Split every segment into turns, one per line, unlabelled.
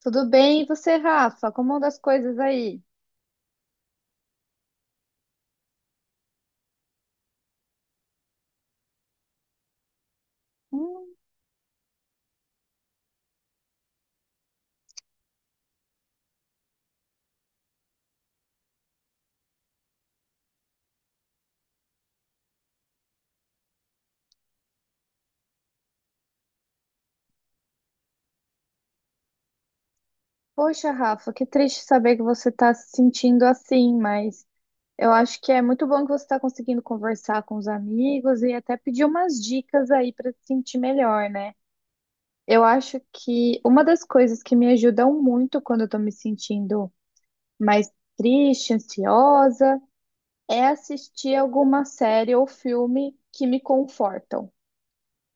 Tudo bem? E você, Rafa? Como anda as coisas aí? Hum, poxa, Rafa, que triste saber que você está se sentindo assim, mas eu acho que é muito bom que você está conseguindo conversar com os amigos e até pedir umas dicas aí para se sentir melhor, né? Eu acho que uma das coisas que me ajudam muito quando eu estou me sentindo mais triste, ansiosa, é assistir alguma série ou filme que me confortam.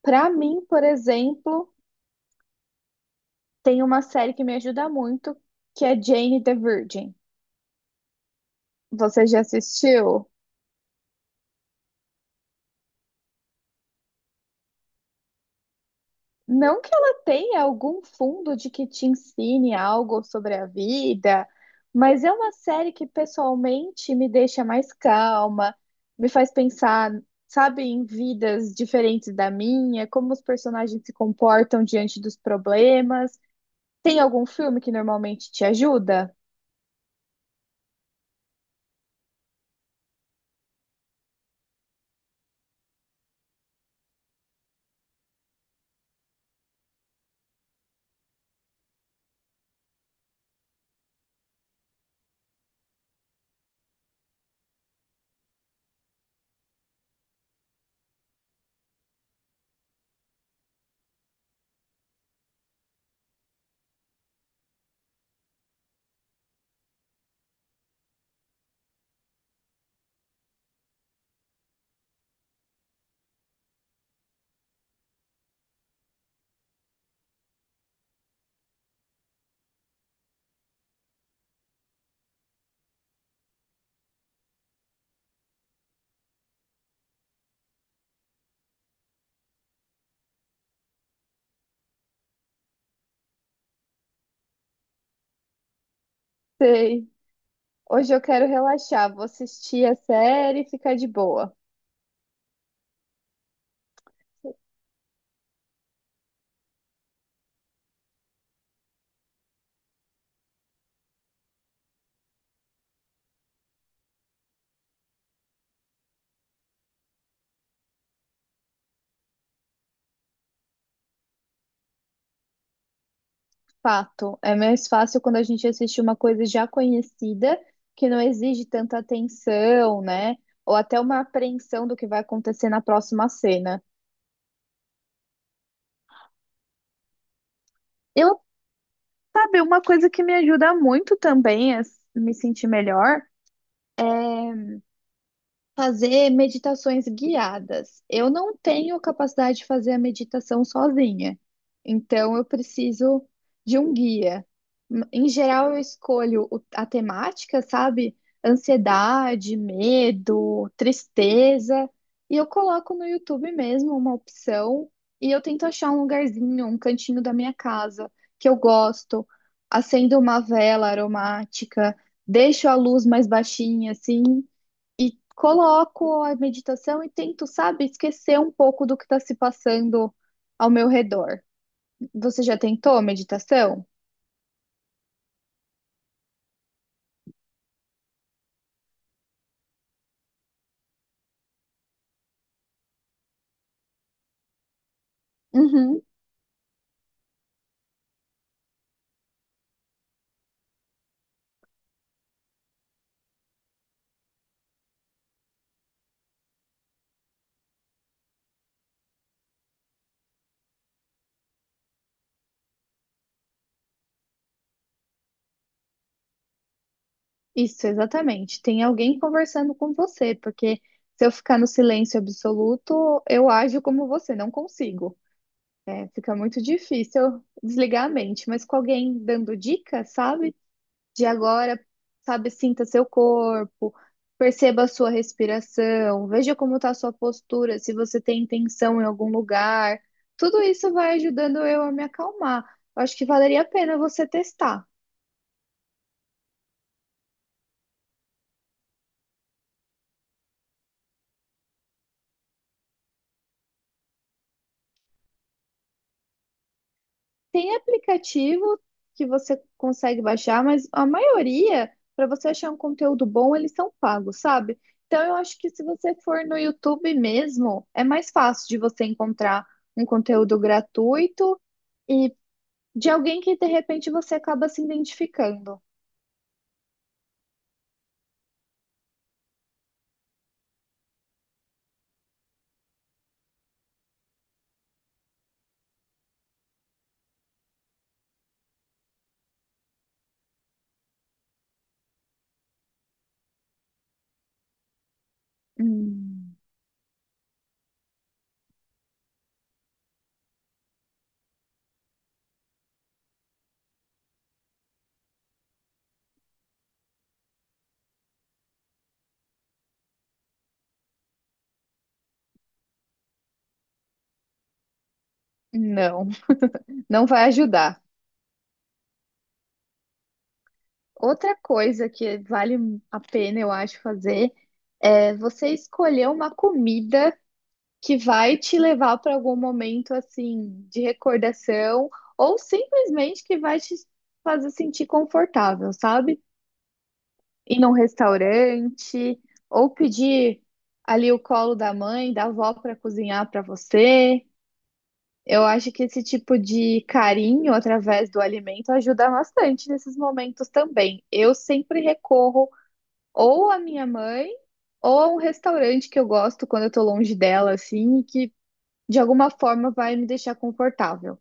Para mim, por exemplo, tem uma série que me ajuda muito, que é Jane the Virgin. Você já assistiu? Não que ela tenha algum fundo de que te ensine algo sobre a vida, mas é uma série que pessoalmente me deixa mais calma, me faz pensar, sabe, em vidas diferentes da minha, como os personagens se comportam diante dos problemas. Tem algum filme que normalmente te ajuda? Sei. Hoje eu quero relaxar, vou assistir a série e ficar de boa. Fato. É mais fácil quando a gente assiste uma coisa já conhecida, que não exige tanta atenção, né? Ou até uma apreensão do que vai acontecer na próxima cena. Eu, sabe, uma coisa que me ajuda muito também a me sentir melhor. Fazer meditações guiadas. Eu não tenho capacidade de fazer a meditação sozinha, então eu preciso de um guia. Em geral, eu escolho a temática, sabe? Ansiedade, medo, tristeza, e eu coloco no YouTube mesmo uma opção e eu tento achar um lugarzinho, um cantinho da minha casa que eu gosto, acendo uma vela aromática, deixo a luz mais baixinha assim. E coloco a meditação e tento, sabe, esquecer um pouco do que está se passando ao meu redor. Você já tentou meditação? Uhum, isso, exatamente. Tem alguém conversando com você, porque se eu ficar no silêncio absoluto, eu ajo como você, não consigo. É, fica muito difícil desligar a mente, mas com alguém dando dicas, sabe? De agora, sabe, sinta seu corpo, perceba a sua respiração, veja como está a sua postura, se você tem tensão em algum lugar. Tudo isso vai ajudando eu a me acalmar. Eu acho que valeria a pena você testar. Tem aplicativo que você consegue baixar, mas a maioria, para você achar um conteúdo bom, eles são pagos, sabe? Então eu acho que se você for no YouTube mesmo, é mais fácil de você encontrar um conteúdo gratuito. E de alguém que de repente você acaba se identificando. Hum, não, não vai ajudar. Outra coisa que vale a pena, eu acho, fazer é você escolher uma comida que vai te levar para algum momento assim de recordação ou simplesmente que vai te fazer sentir confortável, sabe? Ir num restaurante ou pedir ali o colo da mãe, da avó para cozinhar para você. Eu acho que esse tipo de carinho através do alimento ajuda bastante nesses momentos também. Eu sempre recorro ou à minha mãe ou a um restaurante que eu gosto quando eu tô longe dela, assim, e que de alguma forma vai me deixar confortável.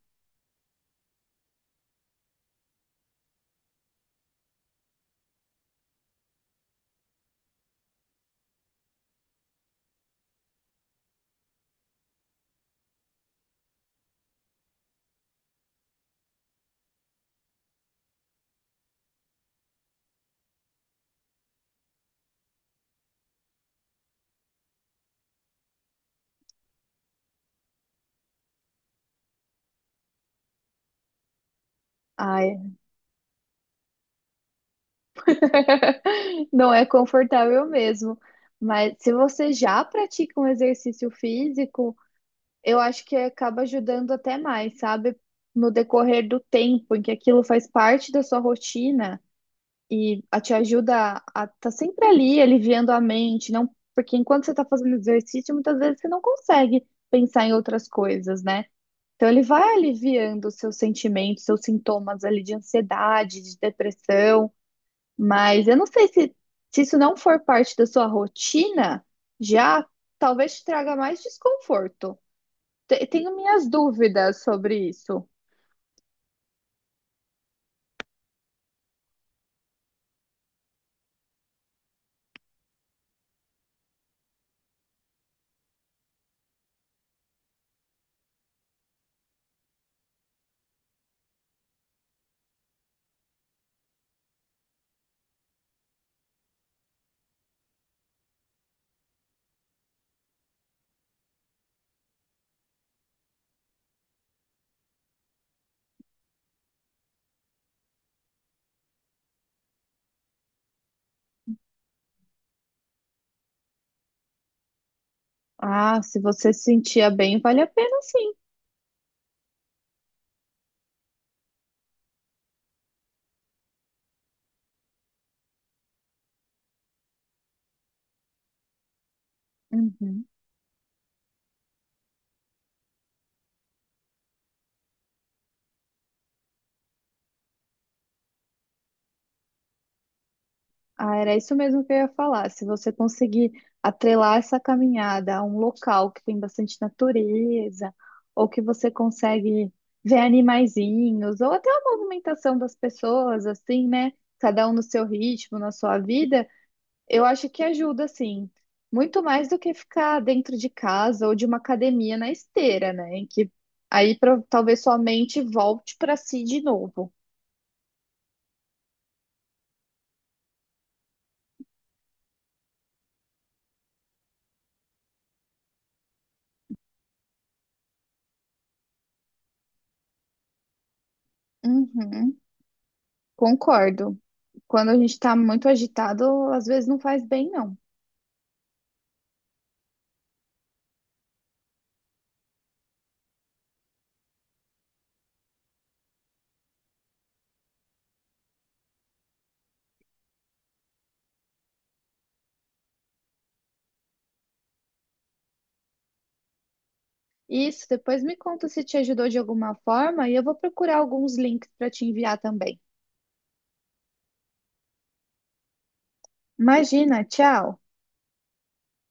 Ai, não é confortável mesmo. Mas se você já pratica um exercício físico, eu acho que acaba ajudando até mais, sabe? No decorrer do tempo em que aquilo faz parte da sua rotina. E a te ajuda a estar tá sempre ali, aliviando a mente, não, porque enquanto você está fazendo exercício, muitas vezes você não consegue pensar em outras coisas, né? Então ele vai aliviando os seus sentimentos, seus sintomas ali de ansiedade, de depressão, mas eu não sei se, se isso não for parte da sua rotina, já talvez te traga mais desconforto. Tenho minhas dúvidas sobre isso. Ah, se você se sentia bem, vale a pena sim. Uhum. Ah, era isso mesmo que eu ia falar. Se você conseguir atrelar essa caminhada a um local que tem bastante natureza, ou que você consegue ver animaizinhos, ou até a movimentação das pessoas, assim, né? Cada um no seu ritmo, na sua vida, eu acho que ajuda, assim, muito mais do que ficar dentro de casa ou de uma academia na esteira, né? Em que talvez sua mente volte para si de novo. Uhum. Concordo. Quando a gente tá muito agitado, às vezes não faz bem, não. Isso, depois me conta se te ajudou de alguma forma e eu vou procurar alguns links para te enviar também. Imagina, tchau.